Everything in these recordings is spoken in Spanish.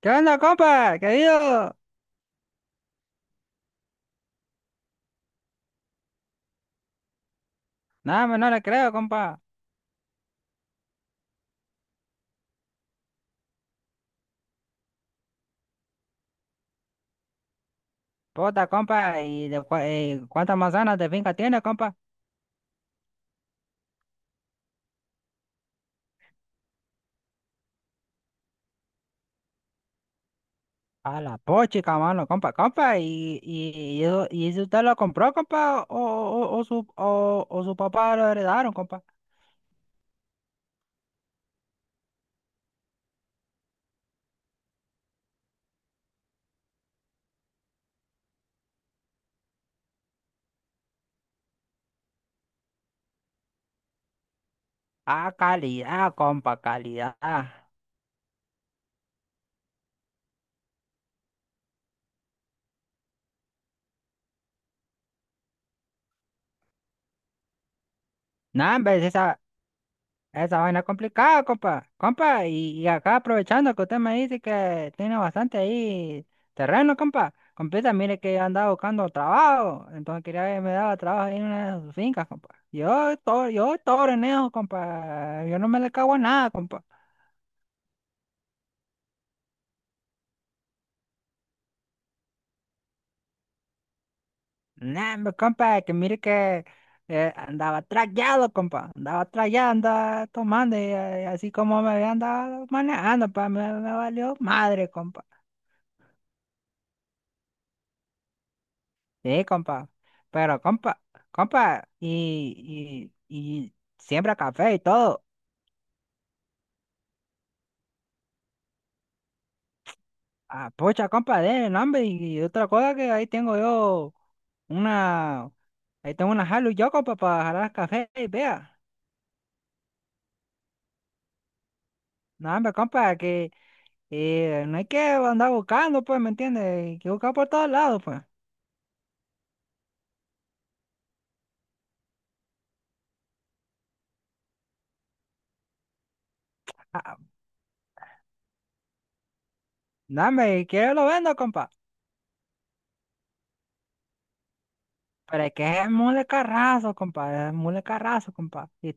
¿Qué onda, compa? Querido. Nada, más no le creo, compa. Puta, compa. ¿Y cuántas manzanas de finca tiene, compa? A la pochica, mano, compa, compa. ¿Y eso usted lo compró, compa? ¿O su papá lo heredaron, compa? Ah, calidad, compa, calidad. Nada, esa vaina es complicada, compa. Compa, y acá aprovechando que usted me dice que tiene bastante ahí terreno, compa. Compita, mire que andaba buscando trabajo. Entonces quería ver, me daba trabajo ahí en una de sus fincas, compa. Yo todo renejo, compa. Yo no me le cago a nada, compa. Nah, hombre, compa, que mire que andaba trayado, compa. Andaba trayado, andaba tomando y, así como me había andado manejando, pa, me valió madre, compa. Sí, compa. Pero, compa, compa, y siembra café y todo. Ah, pucha, compa, de nombre. Y otra cosa que ahí tengo una, ahí tengo una jalo yo, compa, para jalar café y vea. No, hombre, compa, que no hay que andar buscando, pues, ¿me entiendes? Hay que buscar por todos lados, pues. Ah, no, hombre, y quiero lo vendo, compa. Pero es que es mule carrazo, compa, es mule carrazo, compa. Y,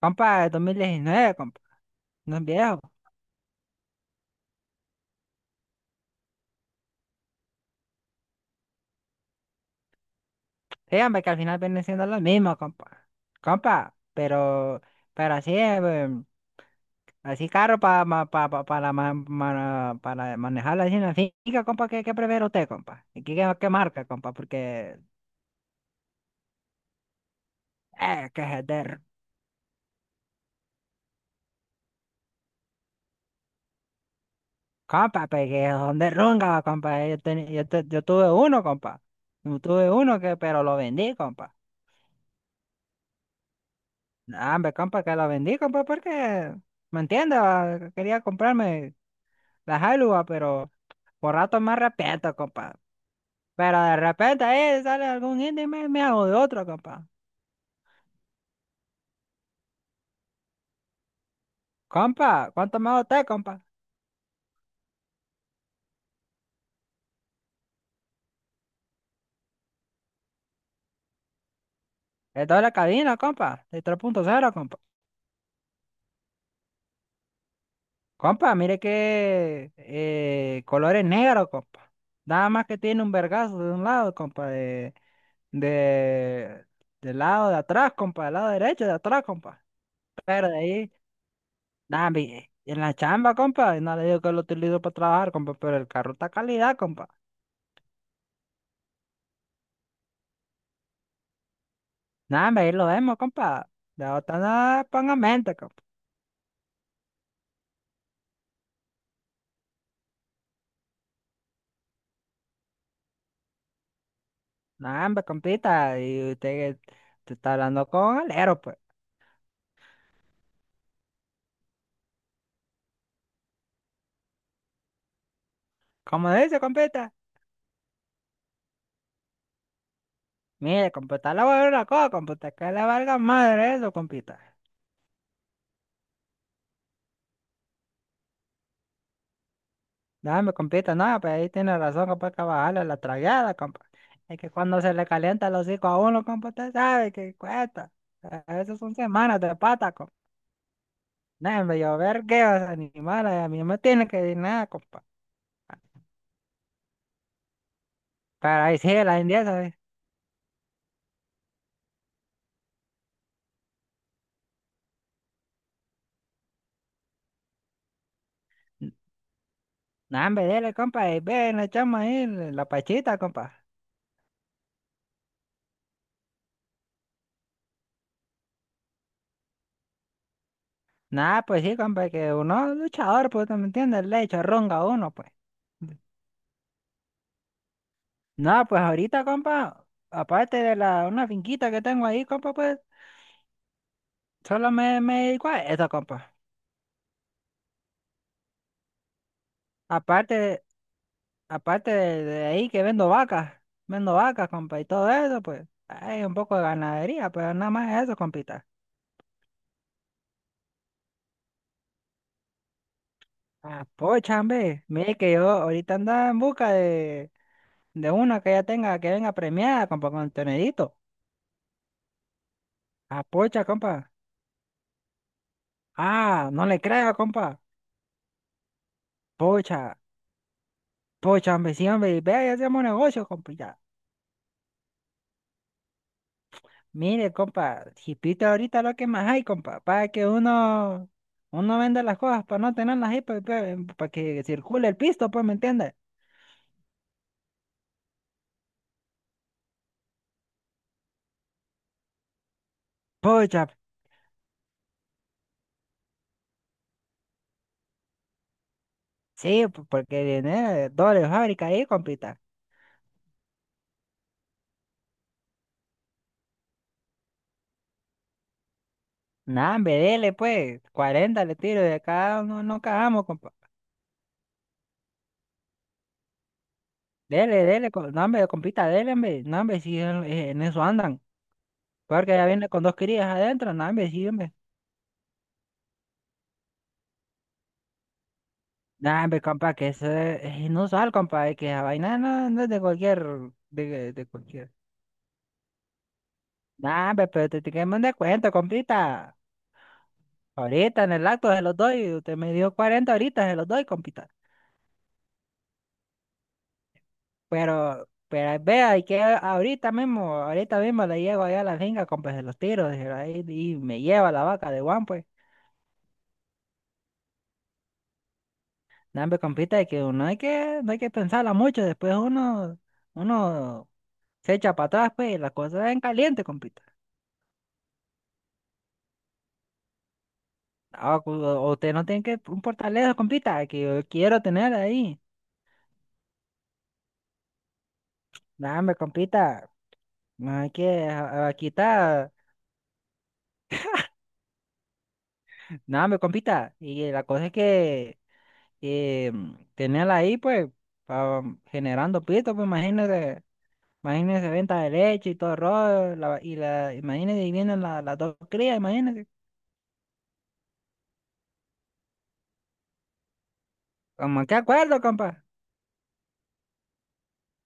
compa, de 2019, compa, no es viejo. Sí, hombre, que al final vienen siendo los mismos, compa. Compa, pero así, así caro para pa, pa- para ma- ma- para manejarla así en la finca, compa, ¿qué prefiere usted, compa? ¿Y qué marca, compa? Porque, eh, que es de, compa, pues, que son de runga, compa. Yo tuve uno, compa. Yo tuve uno, que, pero lo vendí, compa. No, hombre, compa, que lo vendí, compa, porque, ¿me entiendes? Ah, quería comprarme la Hilux, ah, pero por rato más respeto, compa. Pero de repente ahí sale algún indio y me hago de otro, compa. Compa, ¿cuánto me hago usted, compa? Esto es la cabina, compa. De 3.0 compa. Compa, mire que color es negro, compa. Nada más que tiene un vergazo de un lado, compa. De, del lado de atrás, compa. Del lado derecho de atrás, compa. Pero de ahí, nada, mire, en la chamba, compa. Y no le digo que lo utilizo para trabajar, compa. Pero el carro está calidad, compa. Nada, hombre, ahí lo vemos, compa. De otra nada, ponga mente, compa. No, hombre, compita, y usted, que te está hablando con alero, pues. ¿Cómo dice, compita? Mire, compita, le voy a decir una cosa, compita, que le valga madre eso, compita. No, hombre, compita, no, pues ahí tiene razón, compa, hay que bajarle la tragada, compa. Es que cuando se le calienta los hocico a uno, compa, usted sabe que cuesta. A veces son semanas de pata, compa. No, hombre, yo vergueo esos animales, a mí no me tiene que decir nada, compa. Pero ahí sí, la india, ¿sabes? No, hombre, dele, compa, y ven, le echamos ahí la pachita, compa. Nada, pues sí, compa, que uno es luchador, pues, ¿te ¿me entiendes? Le echa ronga a uno, pues. Nada, pues ahorita, compa, aparte de una finquita que tengo ahí, compa, pues, solo me dedico a eso, compa. Aparte, de- aparte de ahí que vendo vacas, compa, y todo eso, pues, hay un poco de ganadería, pero nada más eso, compita. Ah, pocha, hombre, mire que yo ahorita andaba en busca de una que ya tenga, que venga premiada, compa, con el tonedito. Ah, pocha, compa. Ah, no le creo, compa. Pocha, pocha, hombre, sí, hombre, vea, ya hacemos negocio, compa, ya. Mire, compa, jipita ahorita lo que más hay, compa, para que uno venda las cosas, para no tenerlas ahí, pues, para, que circule el pisto, pues, ¿me entiendes? Pocha, sí, porque viene doble fábrica ahí, compita. Nah, hombre, dele, pues, 40, le tiro de cada uno, no cagamos, compa. Dele, dele, no, hombre, compita, dele, hombre, no, hombre, sí, en eso andan, porque ya viene con dos crías adentro, no, hombre, sí, hombre. Nah, hombre, compa, que eso es inusual, compa, y que la vaina no es de cualquier, de cualquier. Nah, hombre, pero te tenemos un descuento, compita. Ahorita en el acto se los doy, usted me dio 40 ahorita, se los doy, compita. Pero vea, y que ahorita mismo le llego allá a la finca, compa, se los tiro, se ahí, y me lleva la vaca de Juan, pues. Nah, hombre, compita, y que uno hay que, no hay que pensarla mucho, después uno se echa para atrás, pues, y la cosa es en caliente, compita. Ah, usted no tiene que importarle eso, compita, que yo quiero tener ahí. Nada, me compita, no hay que quitar. Nada, me compita. Y la cosa es que eh, tenerla ahí, pues, generando pito, pues imagínese, imagínese venta de leche y todo el rollo, y la, imagínese y vienen las dos crías, imagínese. Como, ¿qué acuerdo, compa?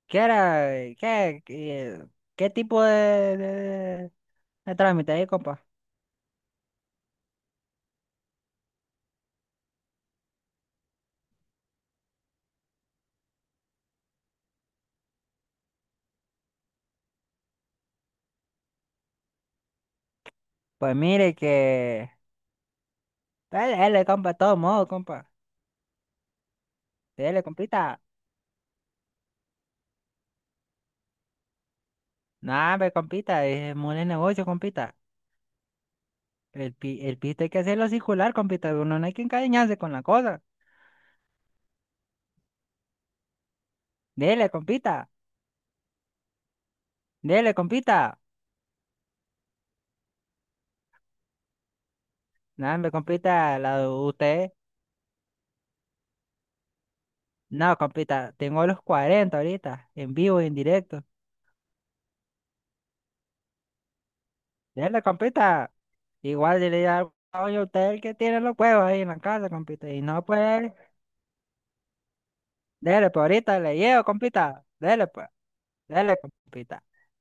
¿Qué era? ¿Qué, qué, qué tipo de trámite ahí, compa? Pues mire que. Dale, dale, compa, todo modo, compa. Dale, compita. No hombre, compita, es muy de negocio, compita. El pito hay que hacerlo circular, compita. Uno no hay que encariñarse con la cosa. Dele, compita. Dele, compita. No hombre, compita, la de usted. No, compita, tengo los 40 ahorita, en vivo y en directo. Dele, compita. Igual yo le digo, oye, usted es el que tiene los huevos ahí en la casa, compita. Y no puede. Dele, pues ahorita le llevo, compita. Dele, pues. Dele, compita.